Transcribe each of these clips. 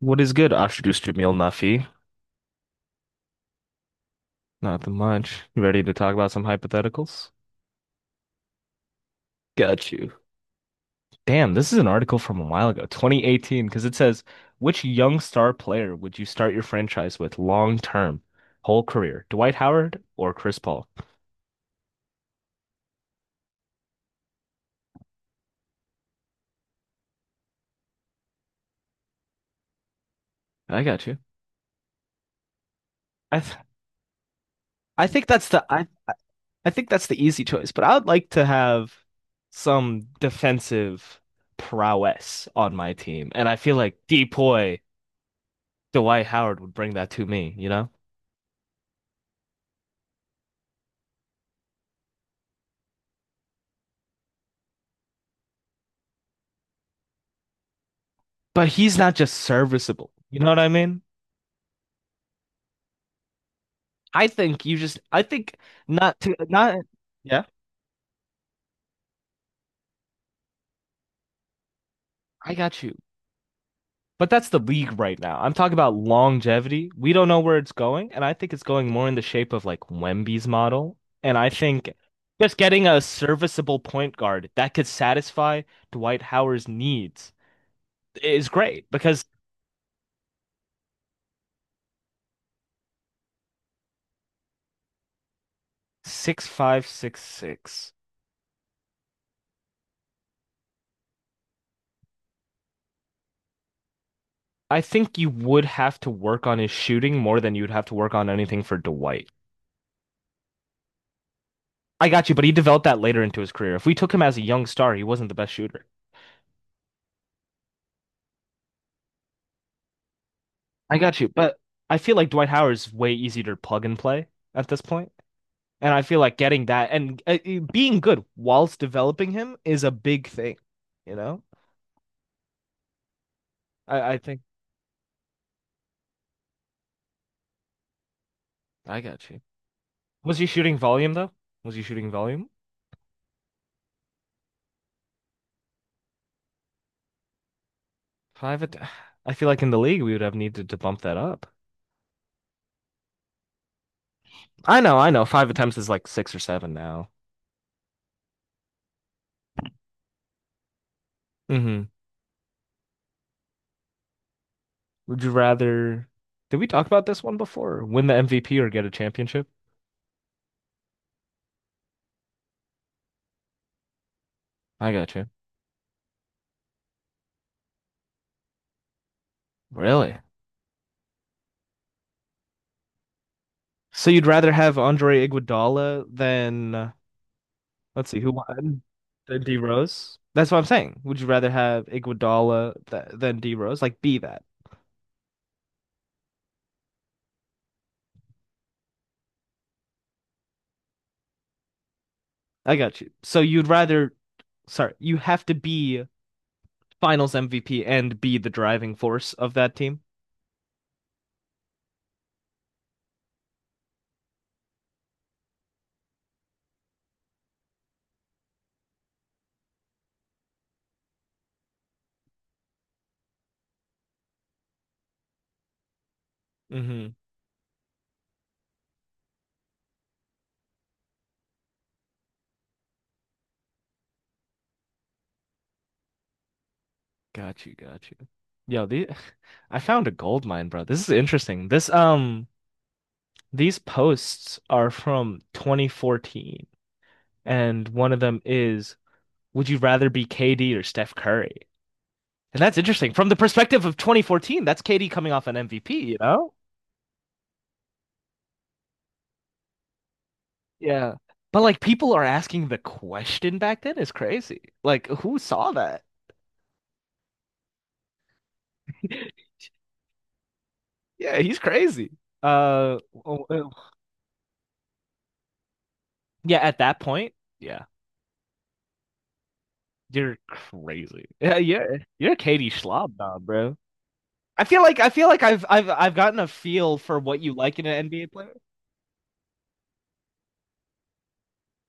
What is good, Ashdus Jamil Nafi? Nothing much. You ready to talk about some hypotheticals? Got you. Damn, this is an article from a while ago, 2018, because it says, which young star player would you start your franchise with long term, whole career? Dwight Howard or Chris Paul? I got you. I th I think that's the I think that's the easy choice, but I would like to have some defensive prowess on my team, and I feel like Depoy Dwight Howard would bring that to me, you know? But he's not just serviceable. You know what I mean? I think you just, I think not to, not, yeah, I got you. But that's the league right now. I'm talking about longevity. We don't know where it's going, and I think it's going more in the shape of like Wemby's model. And I think just getting a serviceable point guard that could satisfy Dwight Howard's needs is great because 6'5", 6'6". I think you would have to work on his shooting more than you'd have to work on anything for Dwight. I got you, but he developed that later into his career. If we took him as a young star, he wasn't the best shooter. I got you, but I feel like Dwight Howard's way easier to plug and play at this point. And I feel like getting that and being good whilst developing him is a big thing, you know? I, I think I got you. Was he shooting volume though? Was he shooting volume? Five att- I feel like in the league we would have needed to bump that up. I know, I know. Five attempts is like six or seven now. Hmm. Would you rather? Did we talk about this one before? Win the MVP or get a championship? I got you. Really? So you'd rather have Andre Iguodala than let's see, who won? Than D Rose? That's what I'm saying. Would you rather have Iguodala th than D Rose? Like, be that. I got you. So you'd rather, sorry, you have to be Finals MVP and be the driving force of that team. Hmm. Got you, got you. Yo, the I found a gold mine, bro. This is interesting. This These posts are from 2014, and one of them is, would you rather be KD or Steph Curry? And that's interesting. From the perspective of 2014, that's KD coming off an MVP, you know? Yeah. But, like, people are asking the question back then is crazy. Like, who saw that? Yeah, he's crazy. Uh oh, oh. Yeah, at that point, yeah. You're crazy. Yeah, you're Katie Schlob, now, bro. I feel like I've gotten a feel for what you like in an NBA player.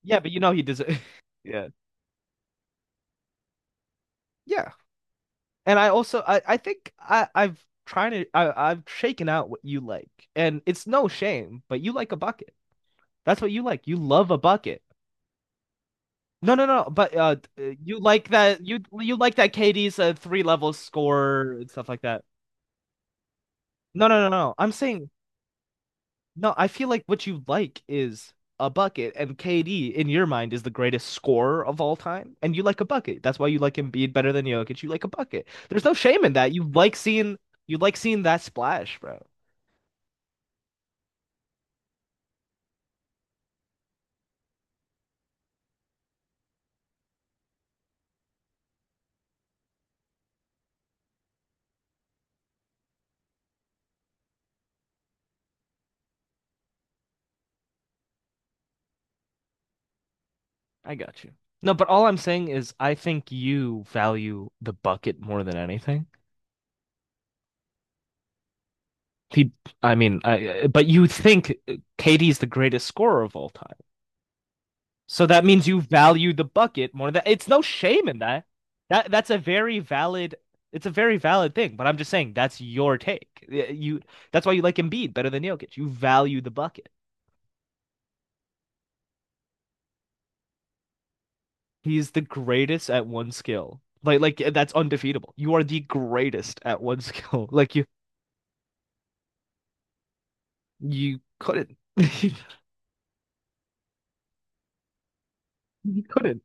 Yeah, but you know he does it. Yeah. Yeah. And I also, I think I, I've trying to I've shaken out what you like. And it's no shame, but you like a bucket. That's what you like. You love a bucket. No, no, no. But you like that you like that KD's a three level score and stuff like that. No, no, no, no. I'm saying, no, I feel like what you like is a bucket, and KD in your mind is the greatest scorer of all time, and you like a bucket. That's why you like Embiid better than Jokic. You like a bucket. There's no shame in that. You like seeing that splash, bro. I got you. No, but all I'm saying is I think you value the bucket more than anything. He, I mean, but you think KD's the greatest scorer of all time. So that means you value the bucket more than, it's no shame in that. That that's a very valid It's a very valid thing, but I'm just saying that's your take. You That's why you like Embiid better than Jokic. You value the bucket. He's the greatest at one skill. Like that's undefeatable. You are the greatest at one skill. Like you couldn't. You couldn't.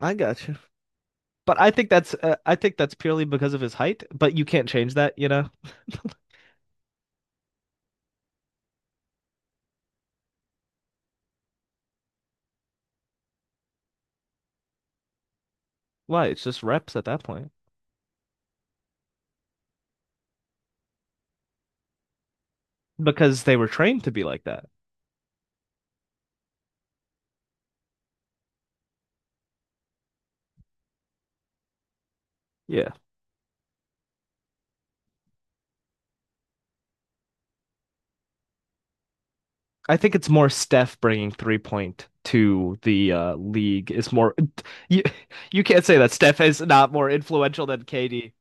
I got you. But I think that's purely because of his height, but you can't change that, you know. Why? It's just reps at that point. Because they were trained to be like that. Yeah. I think it's more Steph bringing 3-point to the league is more. You you can't say that Steph is not more influential than KD.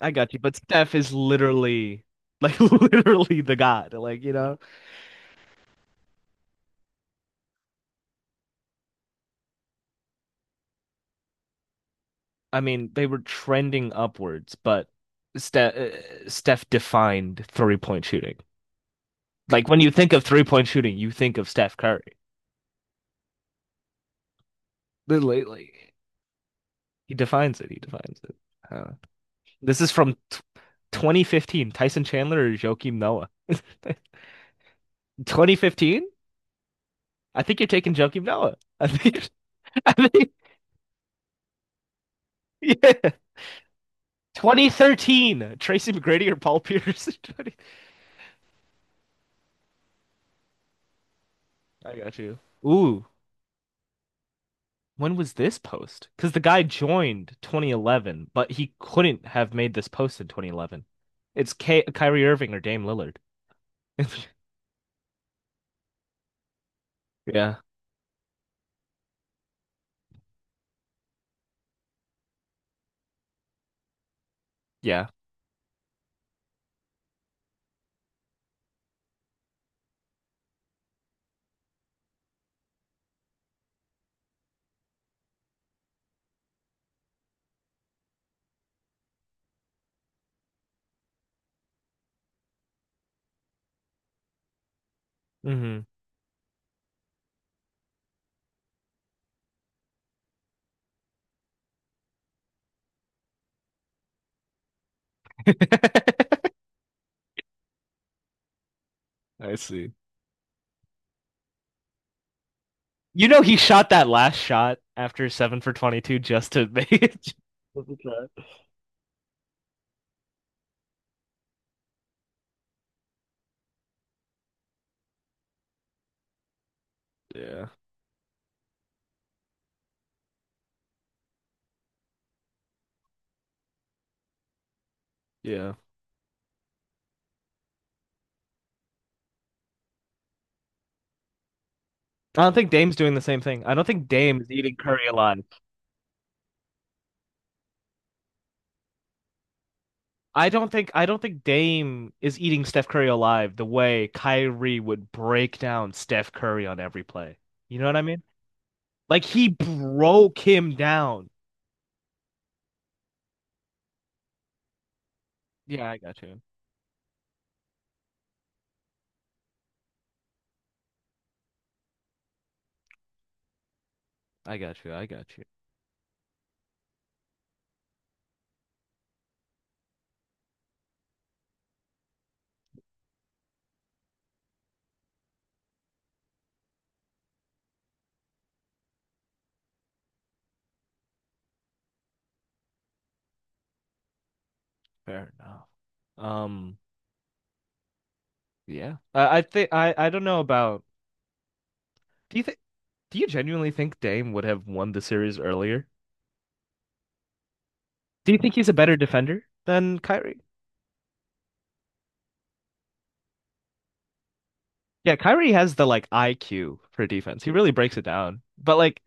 I got you, but Steph is literally like literally the god. Like, you know, I mean, they were trending upwards, but Steph uh, Steph defined 3-point shooting. Like, when you think of 3-point shooting, you think of Steph Curry. Lately, he defines it. He defines it. Uh, This is from t 2015. Tyson Chandler or Joakim Noah? 2015? I think you're taking Joakim Noah. I think, I think, yeah. 2013. Tracy McGrady or Paul Pierce? 20 I got you. Ooh, when was this post? Because the guy joined 2011, but he couldn't have made this post in 2011. It's K Kyrie Irving or Dame Lillard. Yeah, yeah. Hmm. I see. You know he shot that last shot after seven for 22 just to make it. Yeah, yeah. I don't think Dame's doing the same thing. I don't think Dame is eating Curry alive. I don't think Dame is eating Steph Curry alive the way Kyrie would break down Steph Curry on every play. You know what I mean? Like, he broke him down. Yeah, I got you. I got you. I got you. Fair enough. Um, yeah. I think I don't know about. Do you think? Do you genuinely think Dame would have won the series earlier? Do you think he's a better defender than Kyrie? Yeah, Kyrie has the like IQ for defense. He really breaks it down. But, like,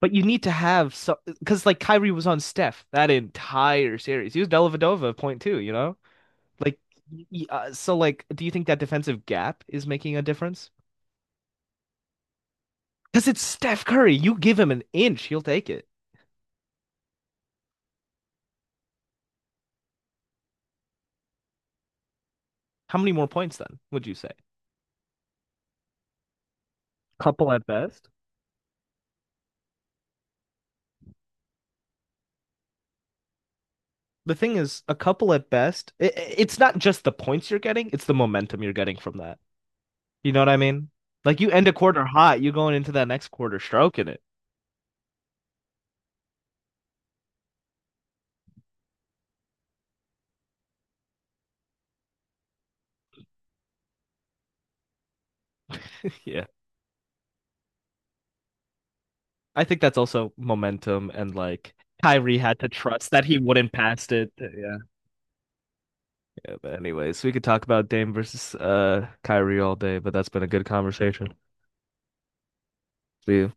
but you need to have, so because like Kyrie was on Steph that entire series. He was Dellavedova point two. You know, like, so, like, do you think that defensive gap is making a difference? Because it's Steph Curry. You give him an inch, he'll take it. How many more points then would you say? Couple at best. The thing is, a couple at best. It's not just the points you're getting; it's the momentum you're getting from that. You know what I mean? Like, you end a quarter hot, you're going into that next quarter stroking it. Yeah, I think that's also momentum and, like, Kyrie had to trust that he wouldn't pass it. Yeah. Yeah, but anyways, we could talk about Dame versus Kyrie all day, but that's been a good conversation. See you.